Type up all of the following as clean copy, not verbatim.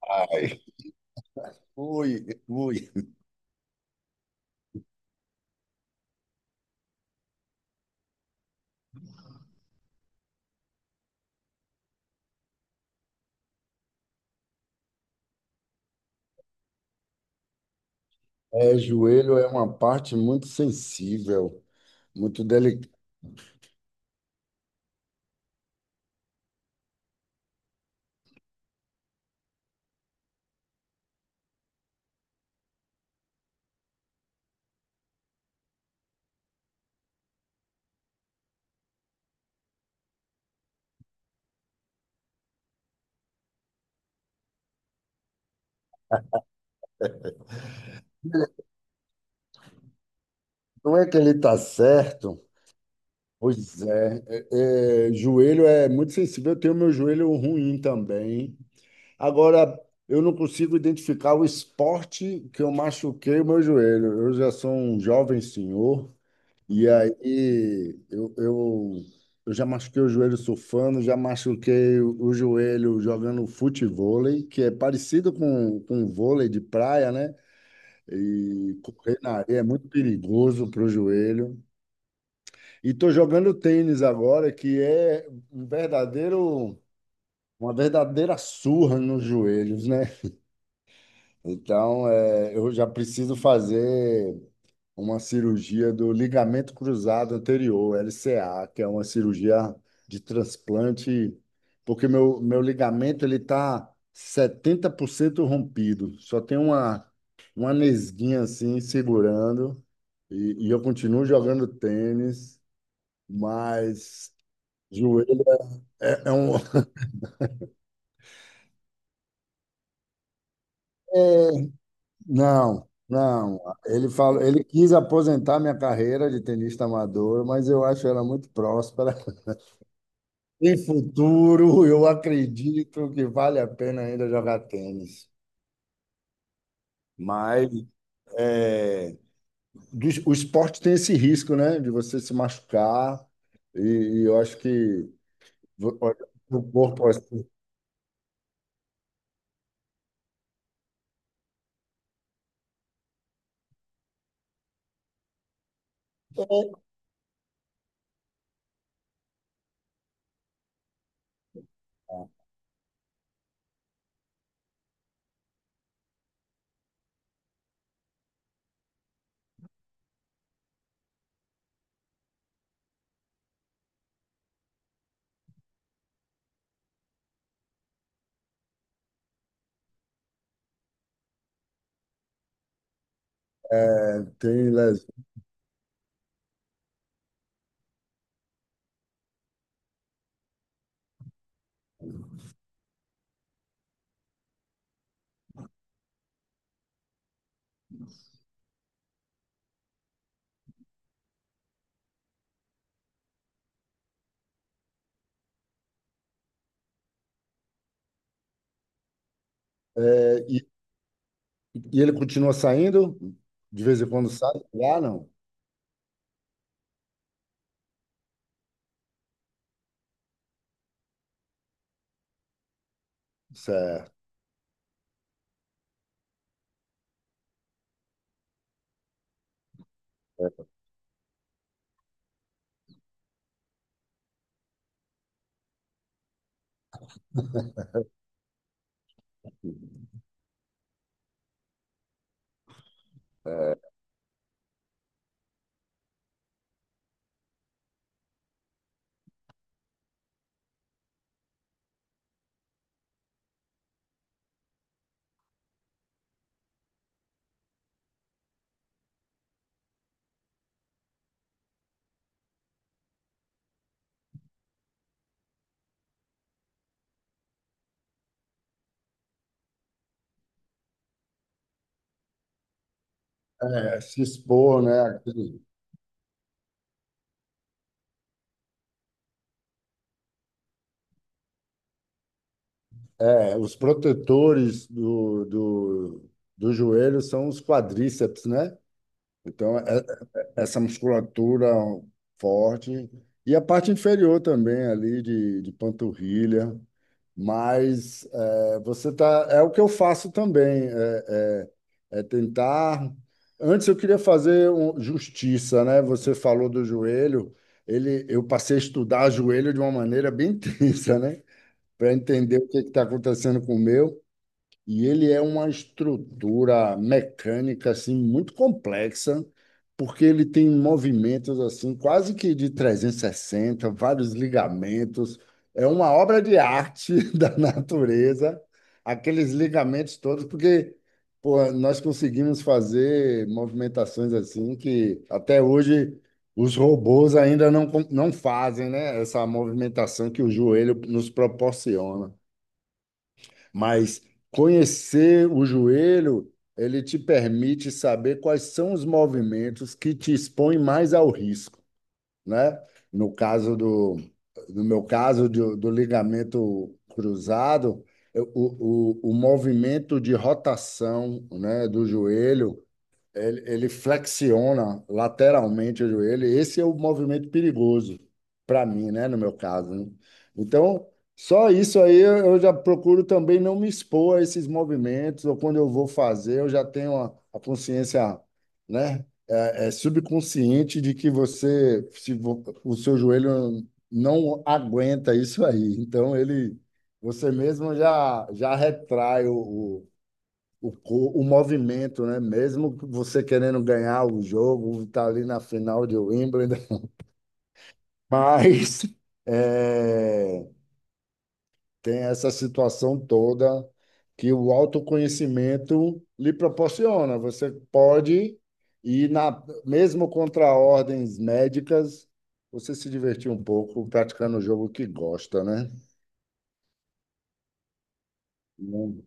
Ai, ui, ui. É, joelho é uma parte muito sensível, muito delicada. Não é que ele está certo? Pois é, é, joelho é muito sensível. Eu tenho meu joelho ruim também. Agora, eu não consigo identificar o esporte que eu machuquei o meu joelho. Eu já sou um jovem senhor. E aí eu eu já machuquei o joelho surfando, já machuquei o joelho jogando futevôlei, que é parecido com vôlei de praia, né? E correr na areia é muito perigoso para o joelho. E tô jogando tênis agora, que é um verdadeiro, uma verdadeira surra nos joelhos, né? Então, é, eu já preciso fazer uma cirurgia do ligamento cruzado anterior, LCA, que é uma cirurgia de transplante, porque meu ligamento ele tá cento rompido, só tem uma nesguinha assim segurando, e eu continuo jogando tênis, mas joelho é um. é- não. Não, ele falou, ele quis aposentar minha carreira de tenista amador, mas eu acho ela muito próspera. Em futuro, eu acredito que vale a pena ainda jogar tênis. Mas é, o esporte tem esse risco, né? De você se machucar. E eu acho que vo- o corpo é assim, é, tem lesão. É, e ele continua saindo? De vez em quando sai? Ah, não. Certo. É, É, se expor, né? É, os protetores do joelho são os quadríceps, né? Então, essa musculatura forte e a parte inferior também ali de panturrilha. Mas é, você tá, é o que eu faço também, é tentar. Antes eu queria fazer justiça, né? Você falou do joelho, ele, eu passei a estudar joelho de uma maneira bem tensa, né? Para entender o que está acontecendo com o meu. E ele é uma estrutura mecânica assim muito complexa, porque ele tem movimentos assim quase que de 360, vários ligamentos. É uma obra de arte da natureza, aqueles ligamentos todos, porque pô, nós conseguimos fazer movimentações assim que até hoje os robôs ainda não fazem, né? Essa movimentação que o joelho nos proporciona. Mas conhecer o joelho, ele te permite saber quais são os movimentos que te expõem mais ao risco, né? No caso do, no meu caso do ligamento cruzado, o movimento de rotação, né, do joelho ele flexiona lateralmente o joelho. Esse é o movimento perigoso para mim, né? No meu caso, né? Então, só isso aí eu já procuro também não me expor a esses movimentos, ou quando eu vou fazer, eu já tenho a consciência, né? É subconsciente de que você, se o seu joelho não aguenta isso aí. Então, ele, você mesmo já retrai o movimento, né? Mesmo que você querendo ganhar o jogo, tá ali na final de Wimbledon, mas é, tem essa situação toda que o autoconhecimento lhe proporciona. Você pode ir na, mesmo contra ordens médicas, você se divertir um pouco praticando o jogo que gosta, né? Não-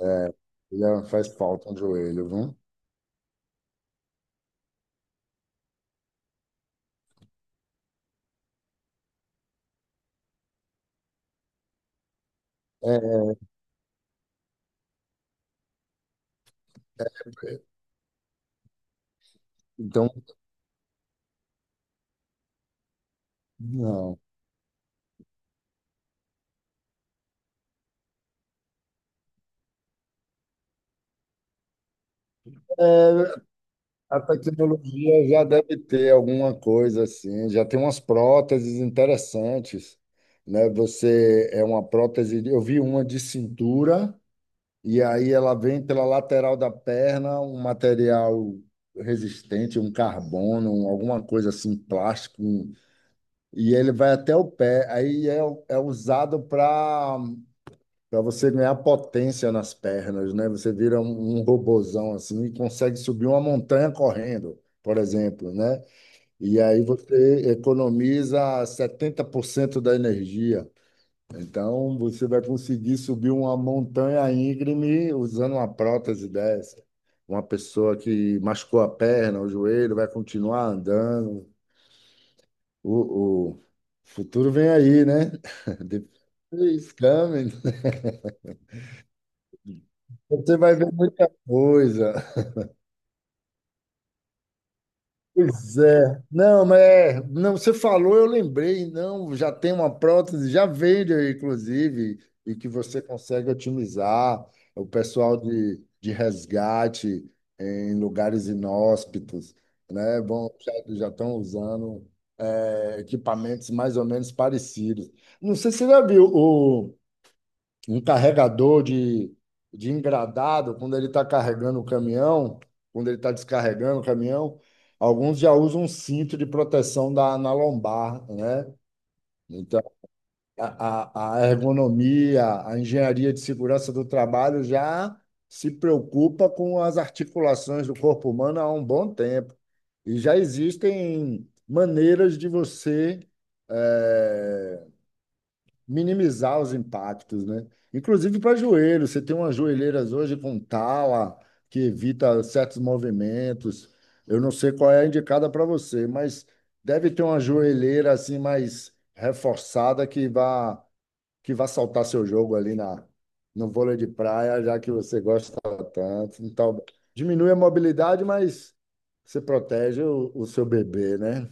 É, já faz falta um joelho, viu? É, então, não. É, a tecnologia já deve ter alguma coisa assim, já tem umas próteses interessantes, né? Você é uma prótese, eu vi uma de cintura e aí ela vem pela lateral da perna, um material resistente, um carbono, alguma coisa assim, plástico, um, e ele vai até o pé. É usado para você ganhar potência nas pernas, né? Você vira um robozão assim e consegue subir uma montanha correndo, por exemplo, né? E aí você economiza 70% da energia. Então você vai conseguir subir uma montanha íngreme usando uma prótese dessa. Uma pessoa que machucou a perna, o joelho, vai continuar andando. O futuro vem aí, né? The future is coming. Você vai ver muita coisa. Pois é. Não, mas é, não, você falou, eu lembrei, não, já tem uma prótese, já vende, inclusive, e que você consegue otimizar o pessoal de resgate eh, em lugares inóspitos, né? Bom, já, já estão usando é, equipamentos mais ou menos parecidos. Não sei se você já viu um carregador de engradado, quando ele está carregando o caminhão, quando ele está descarregando o caminhão, alguns já usam um cinto de proteção da, na lombar, né? Então, a ergonomia, a engenharia de segurança do trabalho já se preocupa com as articulações do corpo humano há um bom tempo. E já existem maneiras de você eh, minimizar os impactos, né? Inclusive para joelhos, você tem umas joelheiras hoje com tala que evita certos movimentos. Eu não sei qual é a indicada para você, mas deve ter uma joelheira assim mais reforçada que vá saltar seu jogo ali na no vôlei de praia, já que você gosta tanto. Então, diminui a mobilidade, mas você protege o seu bebê, né?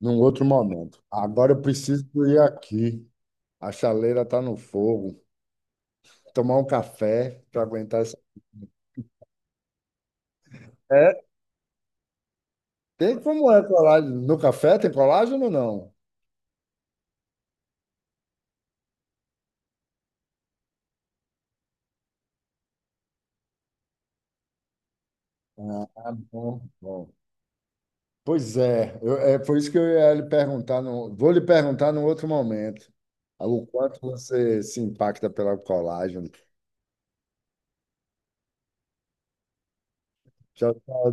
Num outro momento. Agora eu preciso ir aqui. A chaleira tá no fogo. Tomar um café para aguentar essa. É, tem como é colágeno. No café tem colágeno ou não? Ah, bom, bom. Pois é, é por isso que eu ia lhe perguntar, no, vou lhe perguntar num outro momento, o quanto você se impacta pela colagem. Já